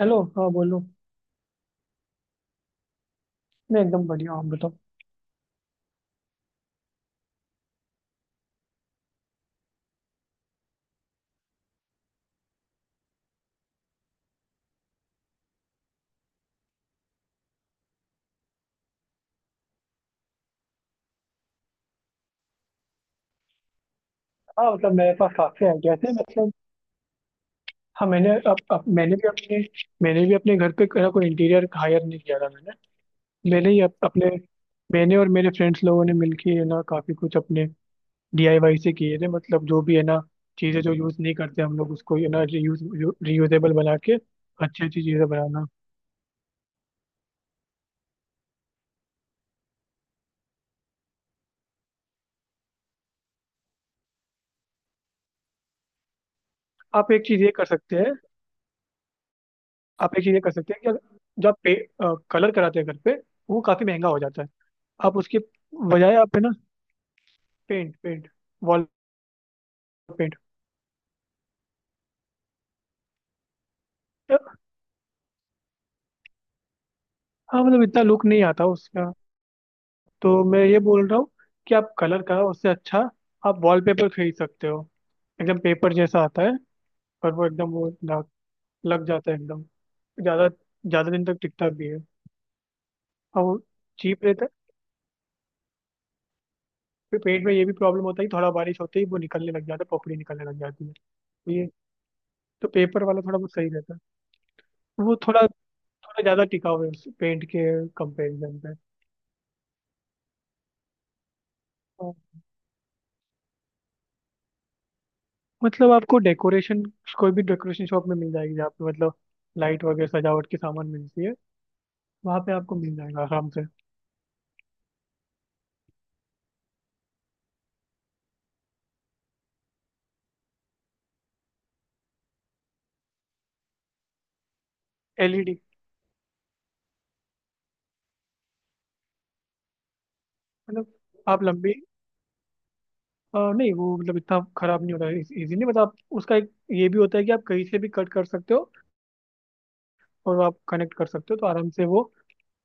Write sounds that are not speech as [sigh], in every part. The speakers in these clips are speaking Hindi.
हेलो। हाँ, बोलो। मैं एकदम बढ़िया हूँ। आप बताओ। हाँ, मतलब मेरे पास काफी आइडिया थे मतलब। हाँ, मैंने भी अपने घर पे कोई कोई इंटीरियर हायर नहीं किया था मैंने। मैंने ही अप, अपने मैंने और मेरे फ्रेंड्स लोगों ने मिलके, है ना, काफी कुछ अपने डीआईवाई से किए थे मतलब। जो भी है ना, चीजें जो यूज नहीं करते हम लोग, उसको, है ना, रीयूजेबल बना के अच्छी अच्छी चीजें बनाना। आप एक चीज ये कर सकते हैं। आप एक चीज ये कर सकते हैं कि अगर- जो आप पे, कलर कराते हैं घर पे, वो काफी महंगा हो जाता है। आप उसके बजाय, आप, है ना, पेंट पेंट वॉल पेंट। हाँ, मतलब इतना लुक नहीं आता उसका। तो मैं ये बोल रहा हूँ कि आप कलर का उससे अच्छा आप वॉलपेपर खरीद सकते हो। एकदम पेपर जैसा आता है, और वो एकदम लग जाता है एकदम। ज़्यादा ज़्यादा दिन तक टिकता भी है, और वो चीप रहता है। फिर पेंट में ये भी प्रॉब्लम होता है कि थोड़ा बारिश होते ही वो निकलने लग जाता है, पपड़ी निकलने लग जाती है। तो ये, तो पेपर वाला थोड़ा बहुत सही रहता है, वो थोड़ा थोड़ा ज़्यादा टिकाऊ है उस पेंट के कंपेरिजन पे। मतलब आपको डेकोरेशन कोई भी डेकोरेशन शॉप में मिल जाएगी, जहाँ पे, मतलब, लाइट वगैरह सजावट के सामान मिलती है, वहाँ पे आपको मिल जाएगा आराम से। एलईडी। मतलब आप लंबी नहीं, वो, मतलब इतना खराब नहीं होता है इजीली। मतलब आप उसका एक ये भी होता है कि आप कहीं से भी कट कर सकते हो, और वो आप कनेक्ट कर सकते हो, तो आराम से वो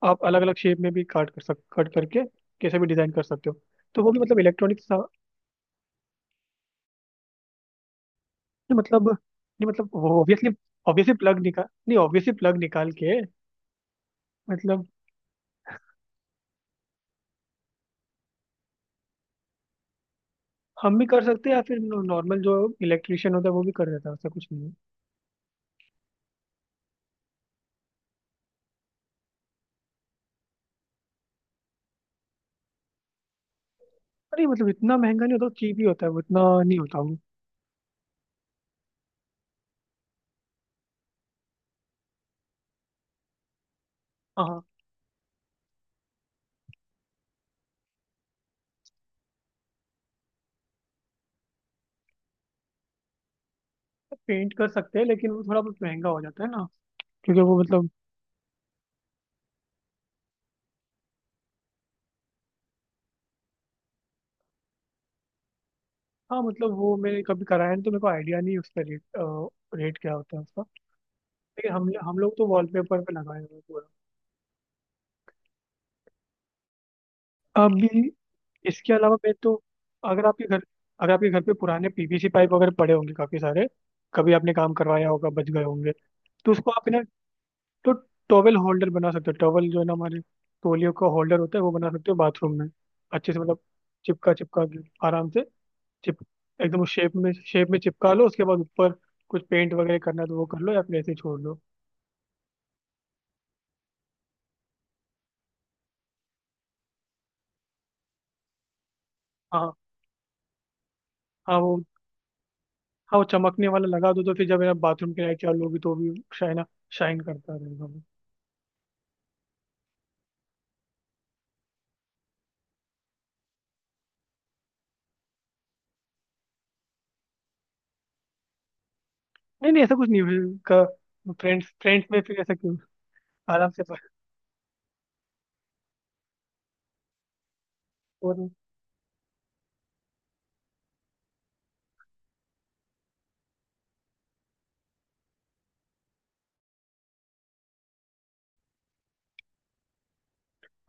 आप अलग अलग शेप में भी काट कर सक कट करके कैसे भी डिजाइन कर सकते हो। तो वो भी मतलब इलेक्ट्रॉनिक। मतलब नहीं, मतलब वो ऑब्वियसली ऑब्वियसली प्लग निकाल, नहीं, ऑब्वियसली प्लग निकाल के। मतलब हम भी कर सकते हैं, या फिर नॉर्मल जो इलेक्ट्रिशियन होता है वो भी कर देता है, उससे कुछ नहीं है। अरे, मतलब इतना महंगा नहीं होता, चीप ही होता है, वो इतना नहीं होता वो। हाँ, पेंट कर सकते हैं, लेकिन वो थोड़ा बहुत महंगा हो जाता है ना, क्योंकि वो, मतलब। हाँ, मतलब वो मैंने कभी कराया नहीं, तो मेरे को आइडिया नहीं है उसका रेट। रेट क्या होता है उसका। लेकिन हम लोग तो वॉलपेपर पे लगाए हुए हैं पूरा। अभी इसके अलावा मैं तो, अगर आपके घर अगर आपके घर पे पुराने पीवीसी पाइप वगैरह पड़े होंगे काफी सारे, कभी आपने काम करवाया होगा, बच गए होंगे, तो उसको आप, ना, तो टॉवेल होल्डर बना सकते हो। टॉवेल जो है ना, हमारे तौलियों का होल्डर होता है, वो बना सकते हो बाथरूम में। अच्छे से, मतलब, चिपका चिपका के आराम से। चिप एकदम शेप में, शेप में चिपका लो। उसके बाद ऊपर कुछ पेंट वगैरह करना है तो वो कर लो, या फिर ऐसे ही छोड़ दो। हाँ हाँ, वो, हाँ, वो चमकने वाला लगा दो, तो फिर जब, है ना, बाथरूम की लाइट चालू होगी, तो भी शाइन शाइन करता रहेगा वो। नहीं नहीं, ऐसा कुछ नहीं है, का। फ्रेंड्स फ्रेंड्स में फिर ऐसा क्यों। आराम से। और,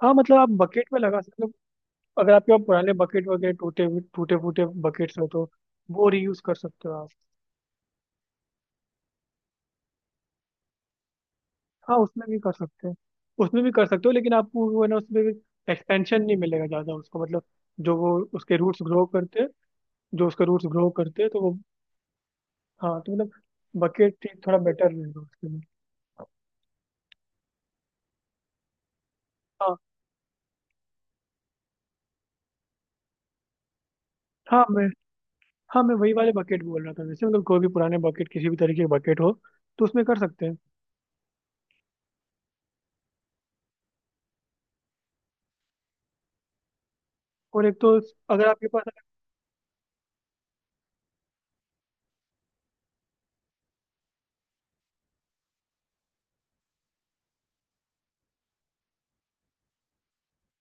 हाँ, मतलब आप बकेट में लगा सकते हो। अगर आपके पास पुराने बकेट वगैरह टूटे फूटे बकेट्स हो, तो वो रीयूज कर सकते हो आप। हाँ, उसमें भी कर सकते हैं। उसमें भी कर सकते हो, लेकिन आपको वो, है ना, उसमें एक्सपेंशन नहीं मिलेगा ज़्यादा उसको, मतलब जो वो उसके रूट्स ग्रो करते हैं जो उसके रूट्स ग्रो करते हैं तो वो। हाँ, तो मतलब बकेट ठीक, थोड़ा बेटर रहेगा उसके लिए। हाँ हाँ, मैं वही वाले बकेट बोल रहा था, जैसे, मतलब, कोई भी पुराने बकेट, किसी भी तरीके के बकेट हो, तो उसमें कर सकते हैं। और एक तो, अगर आपके पास,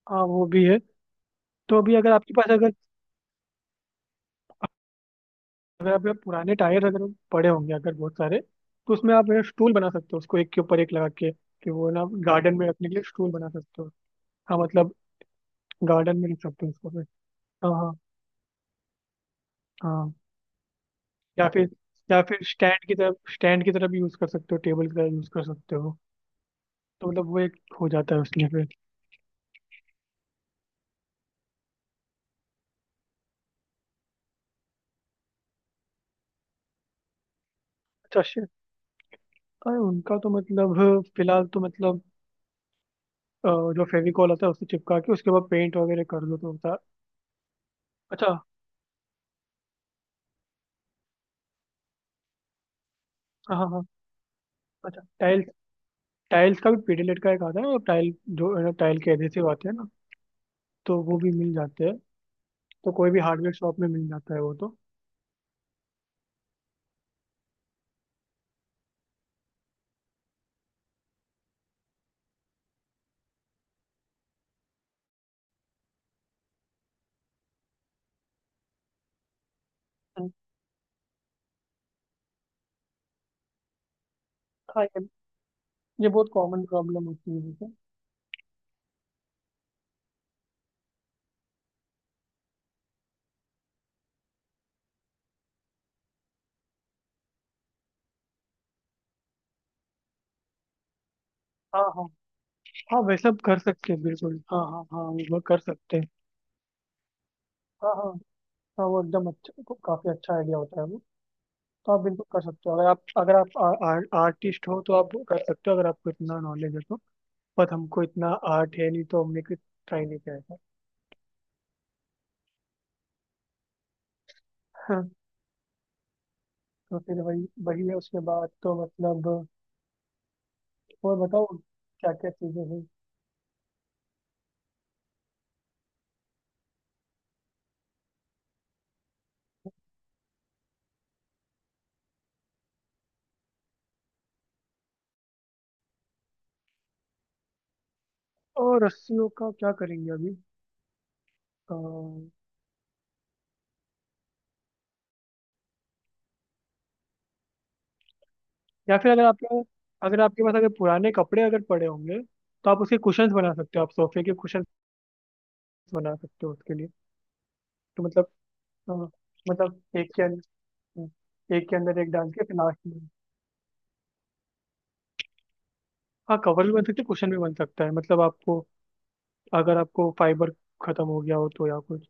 हाँ वो भी है, तो अभी अगर आपके पास, अगर अगर आप पुराने टायर अगर पड़े होंगे, अगर बहुत सारे, तो उसमें आप एक स्टूल बना सकते हो, उसको एक के ऊपर एक लगा के, कि वो, ना, गार्डन में रखने के लिए स्टूल बना सकते हो। हाँ, मतलब गार्डन में रख सकते हो उसको फिर। हाँ हाँ हाँ। या फिर या फिर स्टैंड की तरह भी यूज कर सकते हो, टेबल की तरह यूज कर सकते हो। तो मतलब वो एक हो जाता है उसमें फिर। अच्छा, शे अरे, उनका तो, मतलब, फिलहाल तो, मतलब, अ, जो फेविकॉल होता है उससे चिपका के, उसके बाद पेंट वगैरह कर लो, तो होता है। अच्छा, हाँ हाँ हाँ। अच्छा, टाइल्स टाइल्स का भी पीडीलेट का एक आता है ना, टाइल, जो है ना, टाइल के एडहेसिव आते हैं ना, तो वो भी मिल जाते हैं, तो कोई भी हार्डवेयर शॉप में मिल जाता है वो तो। हाँ, ये बहुत कॉमन प्रॉब्लम होती है, जैसे। हाँ हाँ हाँ, वैसा कर सकते हैं, बिल्कुल, हाँ हाँ हाँ, वो कर सकते हैं। हाँ हाँ हाँ, वो एकदम अच्छा, काफ़ी अच्छा आइडिया होता है वो। तो आप बिल्कुल कर सकते हो, अगर आप, अगर आप आ, आ, आर्टिस्ट हो, तो आप कर सकते हो, अगर आपको इतना नॉलेज है तो। बट हमको इतना आर्ट है नहीं, तो हमने कुछ ट्राई नहीं किया था। हाँ, तो फिर वही वही है, उसके बाद तो, मतलब। और बताओ, क्या क्या चीजें हैं। और रस्सियों का क्या करेंगे अभी? अ, या फिर अगर आपके पास अगर पुराने कपड़े अगर पड़े होंगे, तो आप उसके कुशन्स बना सकते हो, आप सोफे के कुशन्स बना सकते हो उसके लिए। तो मतलब अ, मतलब, एक के अंदर, एक के अंदर एक डाल के, फिर लास्ट में। हाँ, कवर भी बन सकते, कुशन भी बन सकता है। मतलब आपको अगर आपको फाइबर खत्म हो गया हो, तो या कुछ।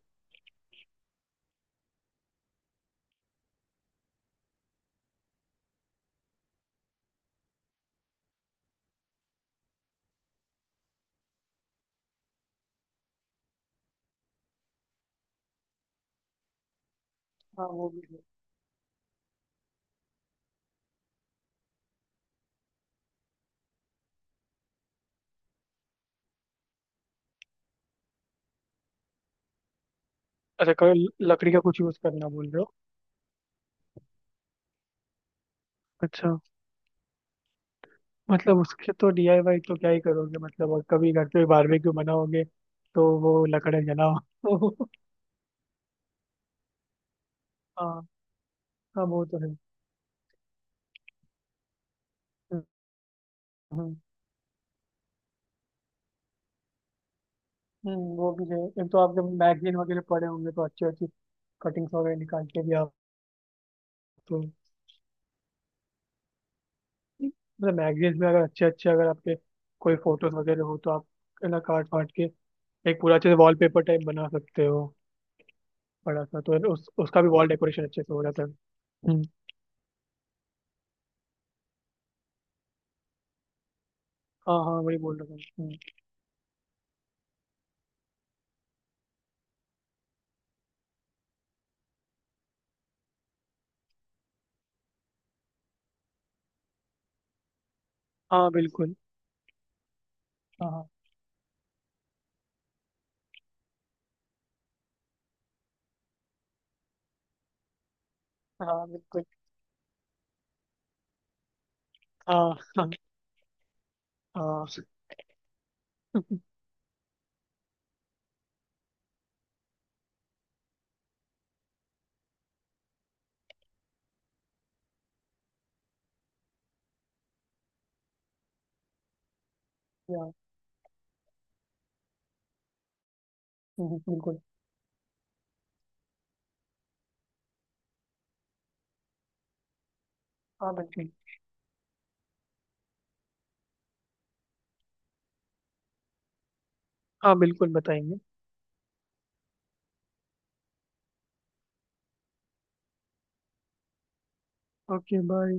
हाँ वो भी है। अच्छा, कल लकड़ी का कुछ यूज करना बोल रहे हो? अच्छा, मतलब उसके तो डीआईवाई तो क्या ही करोगे, मतलब। और कभी घर पे बारबेक्यू बनाओगे, तो वो लकड़े जलाओ। [laughs] हाँ हाँ, वो तो है। हम्म। वो भी है। एक तो आपके मैगजीन वगैरह पड़े होंगे, तो अच्छी अच्छी कटिंग्स वगैरह निकाल के भी आप, तो मतलब मैगजीन में अगर अच्छे अच्छे, अगर आपके कोई फोटोज वगैरह हो, तो आप, है ना, काट फाट के एक पूरा अच्छे से वॉलपेपर टाइप बना सकते हो, बड़ा सा तो, है ना, उस उसका भी वॉल डेकोरेशन अच्छे से हो जाता है। हम्म। हाँ हाँ, वही बोल रहा था। हम्म। हाँ बिल्कुल, हाँ हाँ हाँ बिल्कुल, हाँ हाँ हाँ, या, बिल्कुल, हाँ बिल्कुल, हाँ बिल्कुल बताएंगे। Okay, bye.